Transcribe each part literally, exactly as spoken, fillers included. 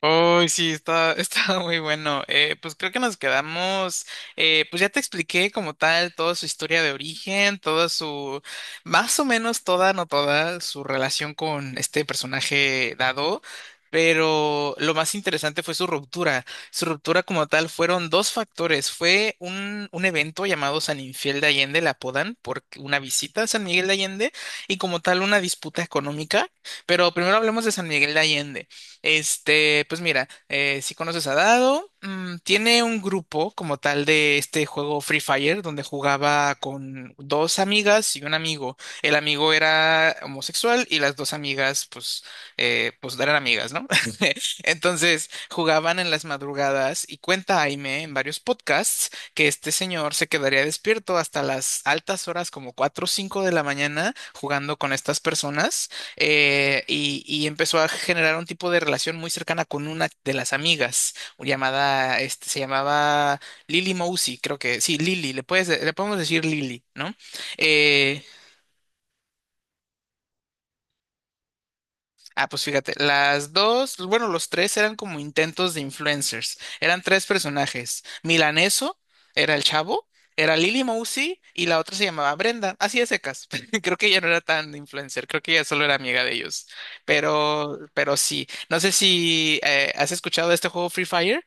Uy, sí, está, está muy bueno. Eh, pues creo que nos quedamos, eh, pues ya te expliqué como tal toda su historia de origen, toda su, más o menos toda, no toda, su relación con este personaje dado, pero lo más interesante fue su ruptura. Su ruptura como tal fueron dos factores. Fue un, un evento llamado San Infiel de Allende, le apodan por una visita a San Miguel de Allende y como tal una disputa económica, pero primero hablemos de San Miguel de Allende. Este, pues mira, eh, si conoces a Dado, mm, tiene un grupo como tal de este juego Free Fire, donde jugaba con dos amigas y un amigo. El amigo era homosexual y las dos amigas, pues, eh, pues eran amigas, ¿no? Entonces jugaban en las madrugadas y cuenta Aime en varios podcasts que este señor se quedaría despierto hasta las altas horas, como cuatro, o cinco de la mañana, jugando con estas personas eh, y, y empezó a generar un tipo de relación muy cercana con una de las amigas, llamada, este, se llamaba Lily Mousy, creo que, sí, Lily, le puedes, le podemos decir Lily, ¿no? Eh, Ah, pues fíjate, las dos, bueno, los tres eran como intentos de influencers. Eran tres personajes. Milaneso era el chavo, era Lily Mousy y la otra se llamaba Brenda. Así de secas. Creo que ella no era tan influencer, creo que ella solo era amiga de ellos. Pero, pero sí. No sé si eh, has escuchado de este juego Free Fire.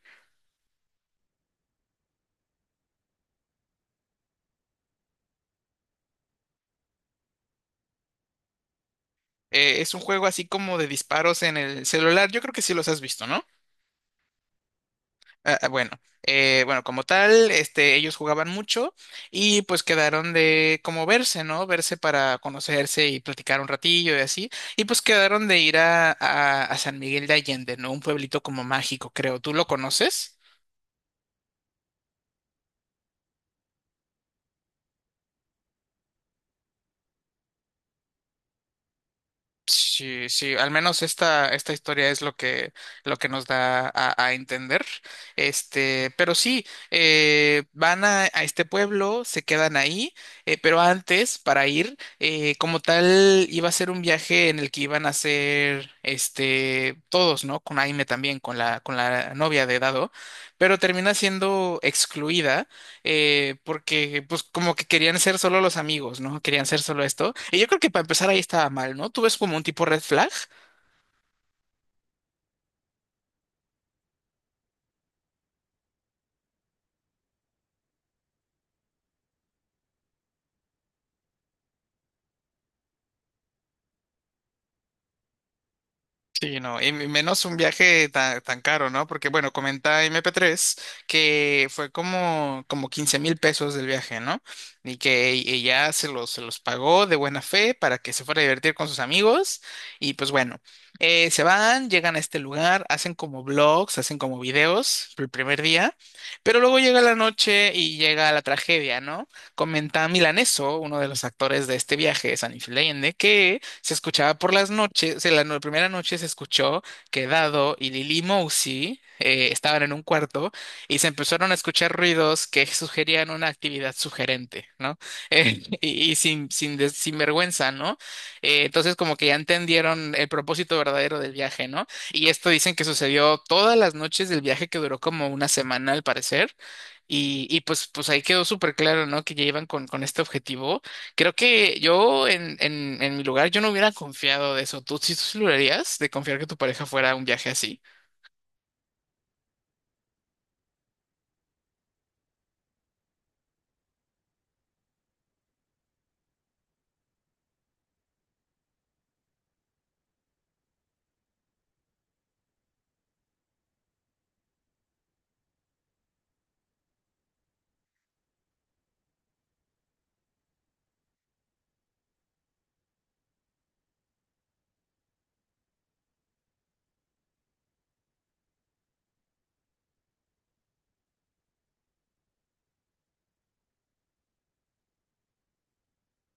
Eh, es un juego así como de disparos en el celular. Yo creo que sí los has visto, ¿no? Ah, ah, bueno, eh, bueno, como tal, este, ellos jugaban mucho y pues quedaron de como verse, ¿no? Verse para conocerse y platicar un ratillo y así. Y pues quedaron de ir a, a, a San Miguel de Allende, ¿no? Un pueblito como mágico, creo. ¿Tú lo conoces? Sí, sí, al menos esta, esta historia es lo que, lo que nos da a, a entender. Este, pero sí, eh, van a, a este pueblo, se quedan ahí, eh, pero antes, para ir, eh, como tal, iba a ser un viaje en el que iban a ser este, todos, ¿no? Con Aime también, con la, con la novia de Dado, pero termina siendo excluida eh, porque pues como que querían ser solo los amigos, ¿no? Querían ser solo esto. Y yo creo que para empezar ahí estaba mal, ¿no? ¿Tú ves como un tipo red flag? Sí, no, y menos un viaje tan, tan caro, ¿no? Porque, bueno, comenta M P tres que fue como, como quince mil pesos del viaje, ¿no? Y que e- ella se los, se los pagó de buena fe para que se fuera a divertir con sus amigos. Y pues bueno, eh, se van, llegan a este lugar, hacen como vlogs, hacen como videos el primer día, pero luego llega la noche y llega la tragedia, ¿no? Comenta Milaneso, uno de los actores de este viaje, San Leyende, se escuchaba por las noches, en la no- primera noche se escuchó que Dado y Lily Mousy eh, estaban en un cuarto y se empezaron a escuchar ruidos que sugerían una actividad sugerente, ¿no? Eh, y, y sin, sin, des- sin vergüenza, ¿no? Eh, entonces como que ya entendieron el propósito verdadero del viaje, ¿no? Y esto dicen que sucedió todas las noches del viaje que duró como una semana al parecer. Y, y pues, pues ahí quedó súper claro, ¿no? Que ya iban con, con este objetivo. Creo que yo en, en, en mi lugar yo no hubiera confiado de eso. ¿Tú sí tú sí lo harías de confiar que tu pareja fuera a un viaje así?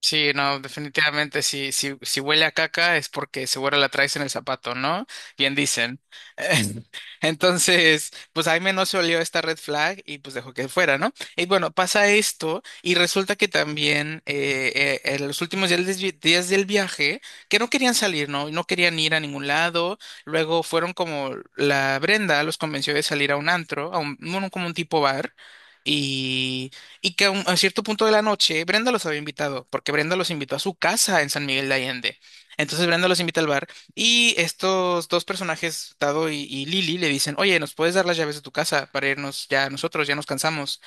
Sí, no, definitivamente, si, si, si huele a caca es porque seguro la traes en el zapato, ¿no? Bien dicen. Entonces, pues Jaime no se olió esta red flag y pues dejó que fuera, ¿no? Y bueno, pasa esto y resulta que también eh, eh, en los últimos días del, vi- días del viaje, que no querían salir, ¿no? No querían ir a ningún lado. Luego fueron como la Brenda los convenció de salir a un antro, a un, bueno, como un tipo bar. Y que a, un- a cierto punto de la noche Brenda los había invitado, porque Brenda los invitó a su casa en San Miguel de Allende. Entonces Brenda los invita al bar y estos dos personajes, Tado y, y Lili, le dicen, oye, ¿nos puedes dar las llaves de tu casa para irnos ya nosotros? Ya nos cansamos.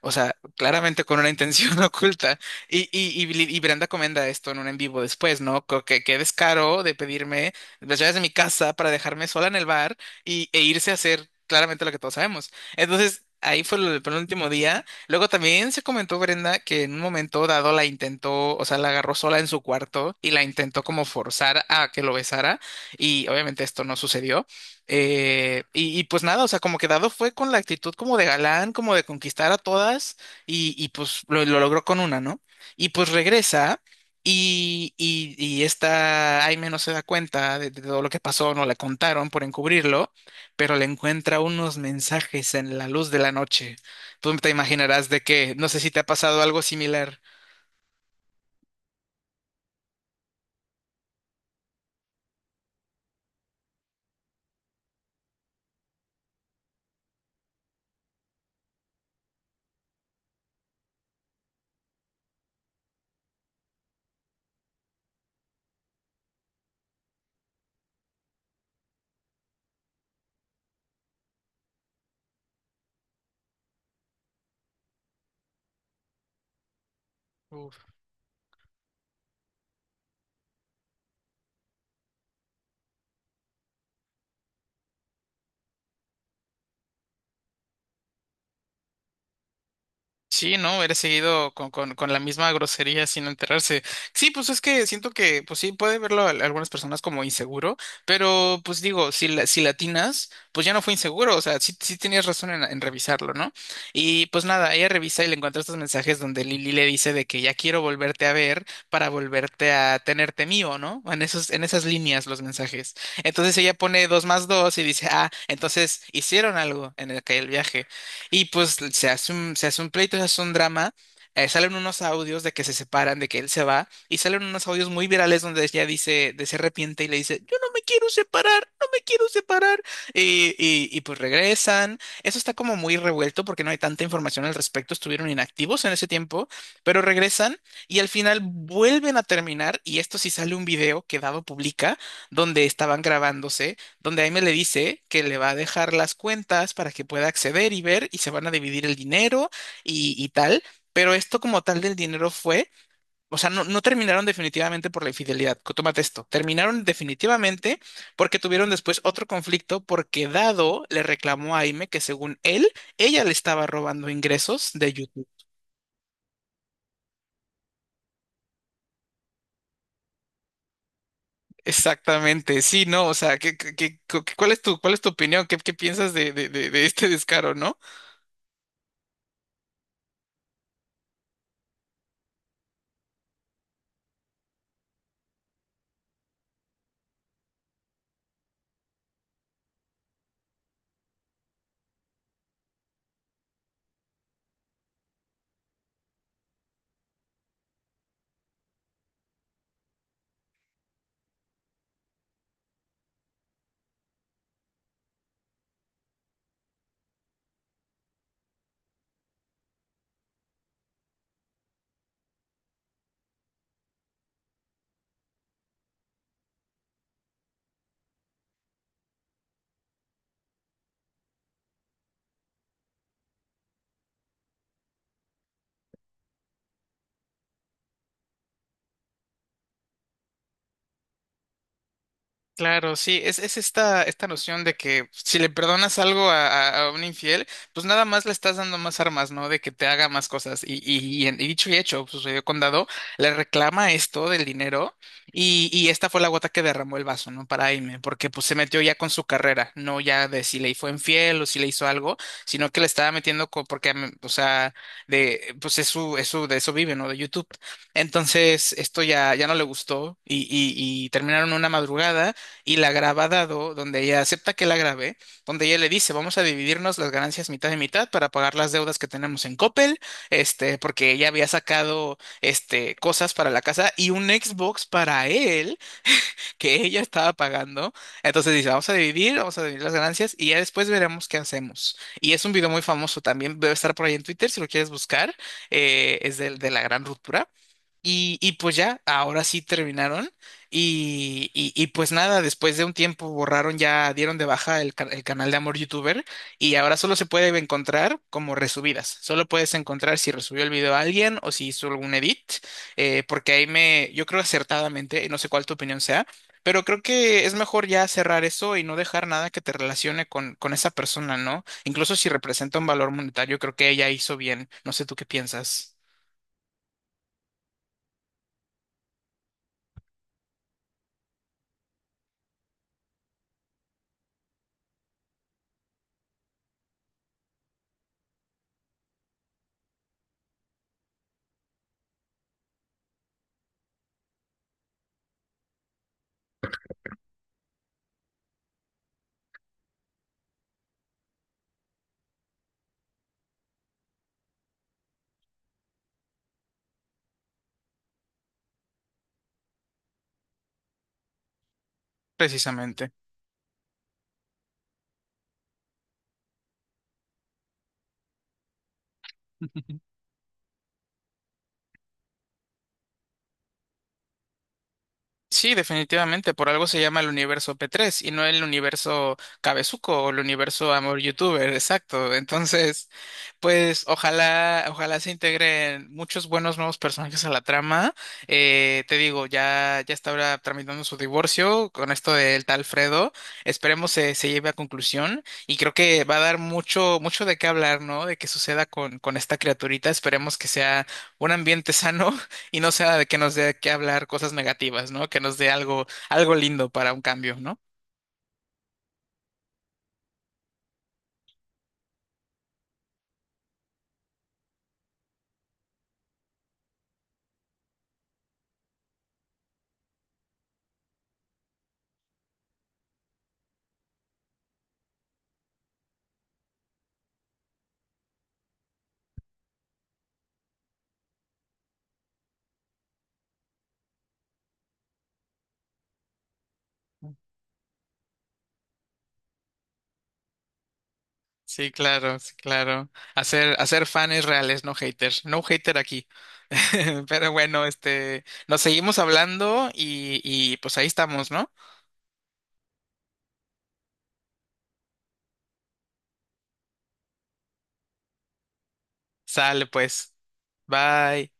O sea, claramente con una intención oculta. Y, y, y, y Brenda comenta esto en un en vivo después, ¿no? Co- Que qué descaro de pedirme las llaves de mi casa para dejarme sola en el bar y, e irse a hacer claramente lo que todos sabemos. Entonces, ahí fue lo del penúltimo día. Luego también se comentó Brenda que en un momento dado la intentó, o sea, la agarró sola en su cuarto y la intentó como forzar a que lo besara. Y obviamente esto no sucedió. Eh, y, y pues nada, o sea, como que Dado fue con la actitud como de galán, como de conquistar a todas, y, y pues lo, lo logró con una, ¿no? Y pues regresa, y, y, y esta Aime no se da cuenta de, de todo lo que pasó, no le contaron por encubrirlo, pero le encuentra unos mensajes en la luz de la noche. Tú te imaginarás de qué no sé si te ha pasado algo similar. Sí, ¿no? Eres seguido con, con, con la misma grosería sin enterarse. Sí, pues es que siento que, pues sí, puede verlo a algunas personas como inseguro, pero pues digo, si, la, si latinas, pues ya no fue inseguro, o sea, sí, sí tenías razón en, en revisarlo, ¿no? Y pues nada, ella revisa y le encuentra estos mensajes donde Lili le dice de que ya quiero volverte a ver para volverte a tenerte mío, ¿no? En esos, en esas líneas los mensajes. Entonces ella pone dos más dos y dice, ah, entonces hicieron algo en el, que el viaje. Y pues se hace un, se hace un pleito, se hace un drama. Eh, salen unos audios de que se separan, de que él se va, y salen unos audios muy virales donde ella dice, de se arrepiente y le dice, yo no me quiero separar, no me quiero separar. Y, y, y pues regresan. Eso está como muy revuelto porque no hay tanta información al respecto, estuvieron inactivos en ese tiempo, pero regresan y al final vuelven a terminar, y esto sí sale un video que Dado publica, donde estaban grabándose donde Aime le dice que le va a dejar las cuentas para que pueda acceder y ver y se van a dividir el dinero y, y tal. Pero esto como tal del dinero fue, o sea, no, no terminaron definitivamente por la infidelidad. co- Tómate esto. Terminaron definitivamente porque tuvieron después otro conflicto porque Dado le reclamó a Aime que según él, ella le estaba robando ingresos de YouTube. Exactamente, sí, no, o sea, ¿qué, qué- qué- cu- cuál es tu, cuál es tu opinión? ¿Qué, qué piensas de, de, de de este descaro, no? Claro, sí, es, es esta, esta noción de que si le perdonas algo a, a- a un infiel, pues nada más le estás dando más armas, ¿no? De que te haga más cosas. Y, y, y en- y dicho y hecho, sucedió con Dado, le reclama esto del dinero y, y esta fue la gota que derramó el vaso, ¿no? Para Aime, porque pues se metió ya con su carrera, no ya de si le fue infiel o si le hizo algo, sino que le estaba metiendo co- porque, mm, o sea, de, pues es su, es su- de eso vive, ¿no? De YouTube. Entonces, esto ya, ya no le gustó y, y y terminaron una madrugada y la graba dado donde ella acepta que la grabé, donde ella le dice, vamos a dividirnos las ganancias mitad y mitad para pagar las deudas que tenemos en Coppel, este, porque ella había sacado este, cosas para la casa y un Xbox para él que ella estaba pagando. Entonces dice, vamos a dividir, vamos a dividir las ganancias y ya después veremos qué hacemos. Y es un video muy famoso también, debe estar por ahí en Twitter si lo quieres buscar, eh, es del- de la gran ruptura. Y, y pues ya, ahora sí terminaron. Y, y, y pues nada, después de un tiempo borraron ya, dieron de baja el, ca- el canal de Amor YouTuber y ahora solo se puede encontrar como resubidas. Solo puedes encontrar si resubió el video a alguien o si hizo algún edit, eh, porque ahí me, yo creo acertadamente, y no sé cuál tu opinión sea, pero creo que es mejor ya cerrar eso y no dejar nada que te relacione con, con esa persona, ¿no? Incluso si representa un valor monetario, creo que ella hizo bien. No sé tú qué piensas, precisamente. Sí, definitivamente, por algo se llama el universo P tres y no el universo Cabezuco o el universo Amor Youtuber, exacto. Entonces, pues ojalá, ojalá se integren muchos buenos nuevos personajes a la trama. Eh, te digo, ya, ya está ahora tramitando su divorcio con esto del tal Fredo. Esperemos se, se lleve a conclusión y creo que va a dar mucho, mucho de qué hablar, ¿no? De qué suceda con, con esta criaturita. Esperemos que sea un ambiente sano y no sea de que nos dé que hablar cosas negativas, ¿no? Que nos dé algo, algo lindo para un cambio, ¿no? Sí, claro, sí, claro. Hacer, hacer fans reales, no haters. No hater aquí. Pero bueno, este, nos seguimos hablando y, y pues ahí estamos, ¿no? Sale pues. Bye.